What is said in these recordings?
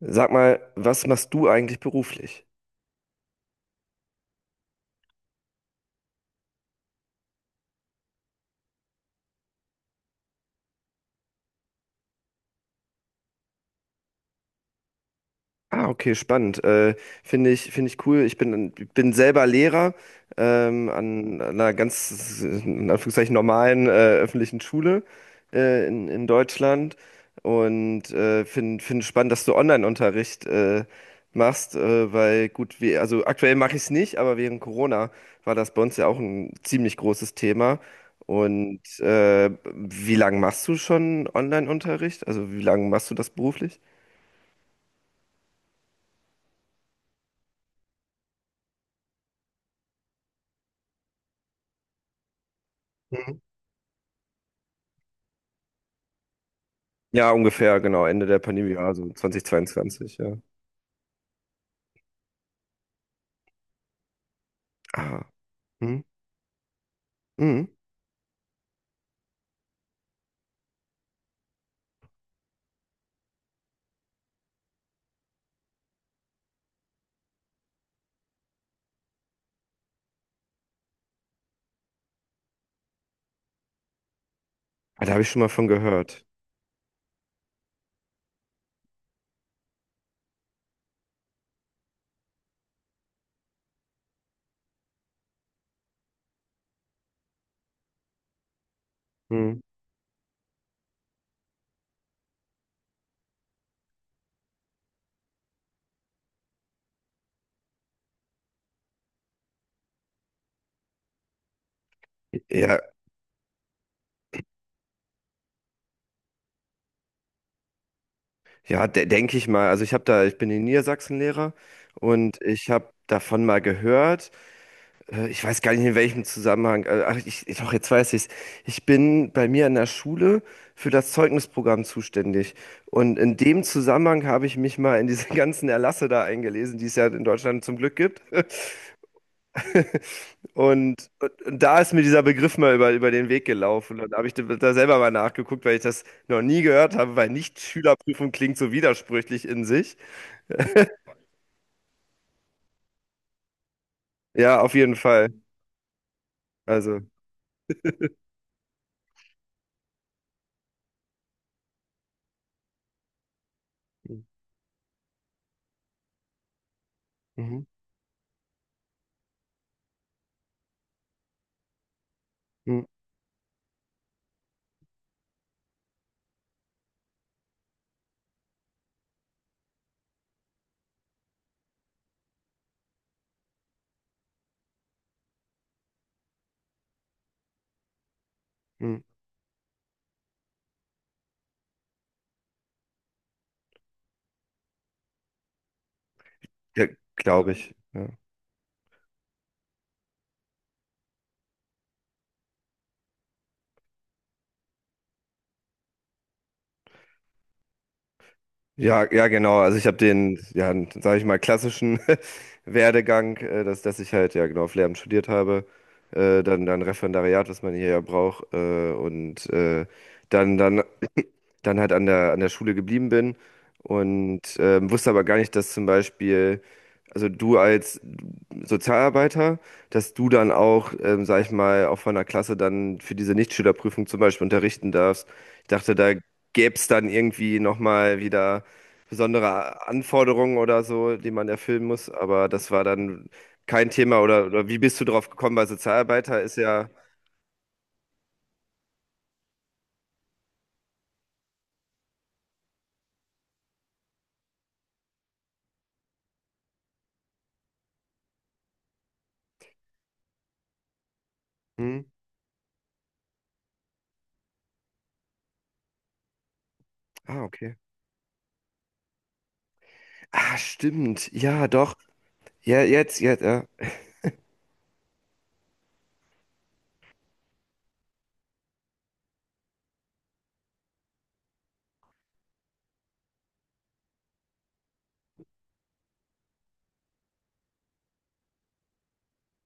Sag mal, was machst du eigentlich beruflich? Ah, okay, spannend. Finde ich cool. Ich bin selber Lehrer, an einer ganz, in Anführungszeichen, normalen öffentlichen Schule in Deutschland, und finde spannend, dass du Online-Unterricht machst, weil gut, wir, also aktuell mache ich es nicht, aber während Corona war das bei uns ja auch ein ziemlich großes Thema. Und wie lange machst du schon Online-Unterricht? Also wie lange machst du das beruflich? Ja, ungefähr, genau, Ende der Pandemie, also 2022, ja. Ah, hm, hm. Ah, da habe ich schon mal von gehört. Hm. Ja, ja, de denke ich mal. Also ich bin in Niedersachsen Lehrer, und ich habe davon mal gehört. Ich weiß gar nicht, in welchem Zusammenhang. Ach, doch, jetzt weiß ich es. Ich bin bei mir an der Schule für das Zeugnisprogramm zuständig. Und in dem Zusammenhang habe ich mich mal in diese ganzen Erlasse da eingelesen, die es ja in Deutschland zum Glück gibt. Und da ist mir dieser Begriff mal über den Weg gelaufen. Und da habe ich da selber mal nachgeguckt, weil ich das noch nie gehört habe, weil Nicht-Schülerprüfung klingt so widersprüchlich in sich. Ja, auf jeden Fall. Also, mhm. Mhm. Mhm. Ja, glaube ich. Ja. Ja, ja, genau. Also ich habe den, ja, sage ich mal, klassischen Werdegang, dass ich halt, ja genau, Lehramt studiert habe, dann Referendariat, was man hier ja braucht, und dann, dann, dann halt an der, Schule geblieben bin, und wusste aber gar nicht, dass zum Beispiel, also du als Sozialarbeiter, dass du dann auch, sag ich mal, auch von der Klasse dann für diese Nichtschülerprüfung zum Beispiel unterrichten darfst. Ich dachte, da gäbe es dann irgendwie nochmal wieder besondere Anforderungen oder so, die man erfüllen muss, aber das war dann kein Thema, oder wie bist du drauf gekommen? Weil Sozialarbeiter ist ja. Hm? Ah, okay. Ah, stimmt. Ja, doch. Ja, jetzt, jetzt, ja.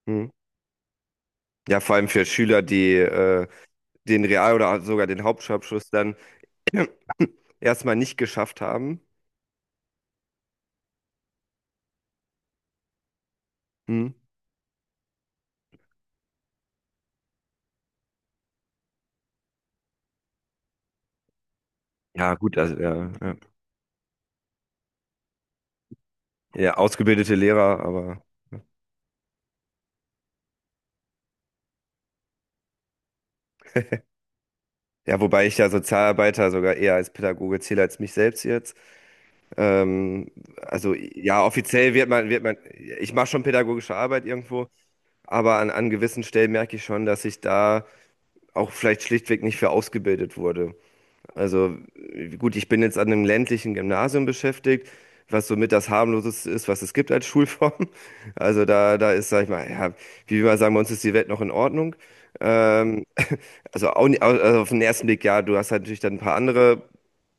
Hm. Ja, vor allem für Schüler, die den Real- oder sogar den Hauptschulabschluss dann erstmal nicht geschafft haben. Hm. Ja, gut, also ja, ja. Ja, ausgebildete Lehrer, aber ja, wobei ich ja Sozialarbeiter sogar eher als Pädagoge zähle als mich selbst jetzt. Ähm, also ja, offiziell ich mache schon pädagogische Arbeit irgendwo, aber an gewissen Stellen merke ich schon, dass ich da auch vielleicht schlichtweg nicht für ausgebildet wurde. Also gut, ich bin jetzt an einem ländlichen Gymnasium beschäftigt, was somit das harmloseste ist, was es gibt als Schulform. Also da ist, sag ich mal, ja, wie wir mal sagen, bei uns ist die Welt noch in Ordnung. Ähm, also, auch, also auf den ersten Blick, ja, du hast halt natürlich dann ein paar andere,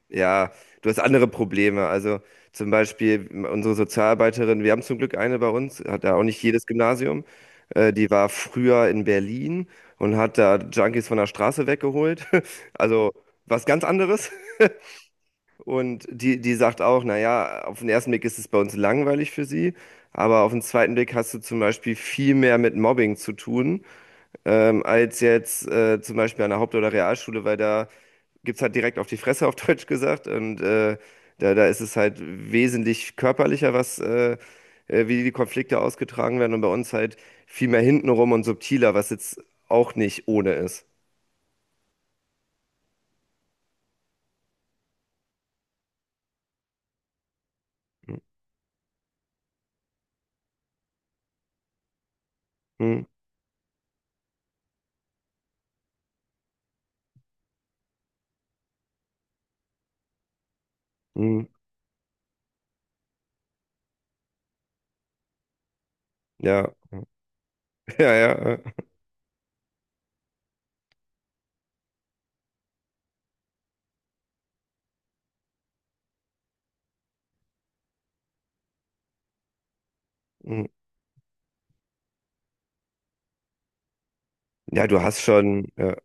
ja, du hast andere Probleme. Also zum Beispiel unsere Sozialarbeiterin, wir haben zum Glück eine bei uns, hat da auch nicht jedes Gymnasium. Die war früher in Berlin und hat da Junkies von der Straße weggeholt. Also was ganz anderes. Und die sagt auch, naja, auf den ersten Blick ist es bei uns langweilig für sie, aber auf den zweiten Blick hast du zum Beispiel viel mehr mit Mobbing zu tun, als jetzt zum Beispiel an der Haupt- oder Realschule, weil da gibt's halt direkt auf die Fresse, auf Deutsch gesagt. Und da ist es halt wesentlich körperlicher, wie die Konflikte ausgetragen werden. Und bei uns halt viel mehr hintenrum und subtiler, was jetzt auch nicht ohne ist. Hm, hm, ja, ja, ja. Hm. Ja, du hast schon. Ja.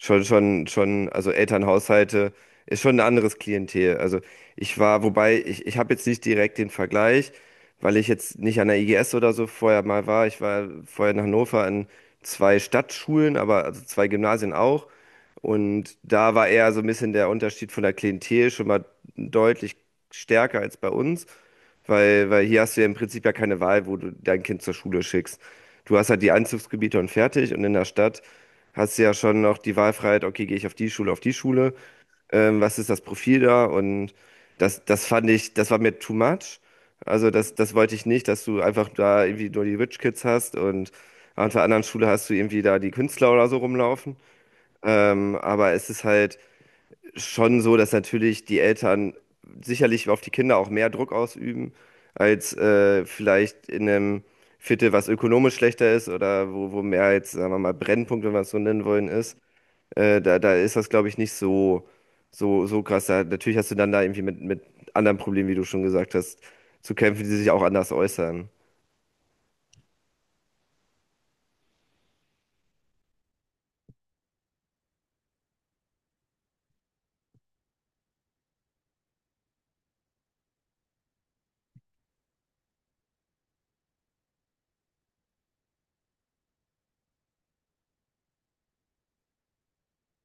Schon, schon, schon, also Elternhaushalte ist schon ein anderes Klientel. Also wobei, ich habe jetzt nicht direkt den Vergleich, weil ich jetzt nicht an der IGS oder so vorher mal war. Ich war vorher in Hannover an zwei Stadtschulen, aber also zwei Gymnasien auch. Und da war eher so ein bisschen der Unterschied von der Klientel schon mal deutlich stärker als bei uns, weil hier hast du ja im Prinzip ja keine Wahl, wo du dein Kind zur Schule schickst. Du hast halt die Einzugsgebiete und fertig, und in der Stadt hast du ja schon noch die Wahlfreiheit, okay, gehe ich auf die Schule, was ist das Profil da? Und das, das fand ich, das war mir too much. Also das wollte ich nicht, dass du einfach da irgendwie nur die Rich Kids hast und auf der anderen Schule hast du irgendwie da die Künstler oder so rumlaufen. Aber es ist halt schon so, dass natürlich die Eltern sicherlich auf die Kinder auch mehr Druck ausüben als vielleicht in einem Viertel, was ökonomisch schlechter ist oder wo mehr jetzt, sagen wir mal, Brennpunkt, wenn wir es so nennen wollen, ist. Da ist das, glaube ich, nicht so, so, so krass. Da, natürlich hast du dann da irgendwie mit anderen Problemen, wie du schon gesagt hast, zu kämpfen, die sich auch anders äußern.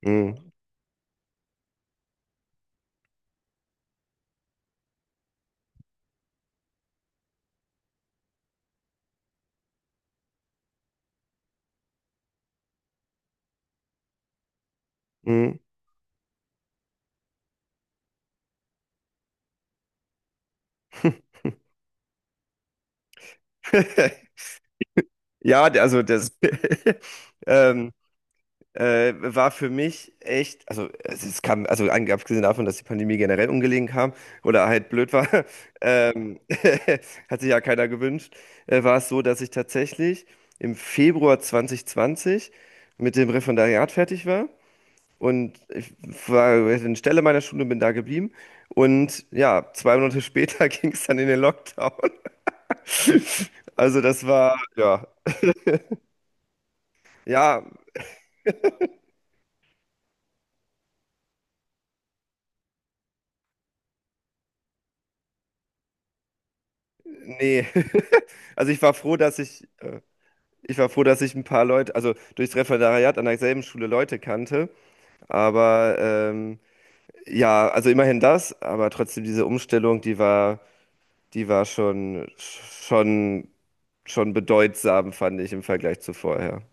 Mhm. Mhm. Ja, also das. ähm, war für mich echt, also es kam, also abgesehen davon, dass die Pandemie generell ungelegen kam oder halt blöd war, ähm, hat sich ja keiner gewünscht, war es so, dass ich tatsächlich im Februar 2020 mit dem Referendariat fertig war und ich war in Stelle meiner Schule, bin da geblieben. Und ja, 2 Monate später ging es dann in den Lockdown. Also das war, ja, ja, nee. Also ich war froh, dass ich, äh, Ich war froh, dass ich ein paar Leute, also durchs Referendariat an derselben Schule Leute kannte. Aber ja, also immerhin das, aber trotzdem diese Umstellung, die war schon, schon, schon bedeutsam, fand ich im Vergleich zu vorher.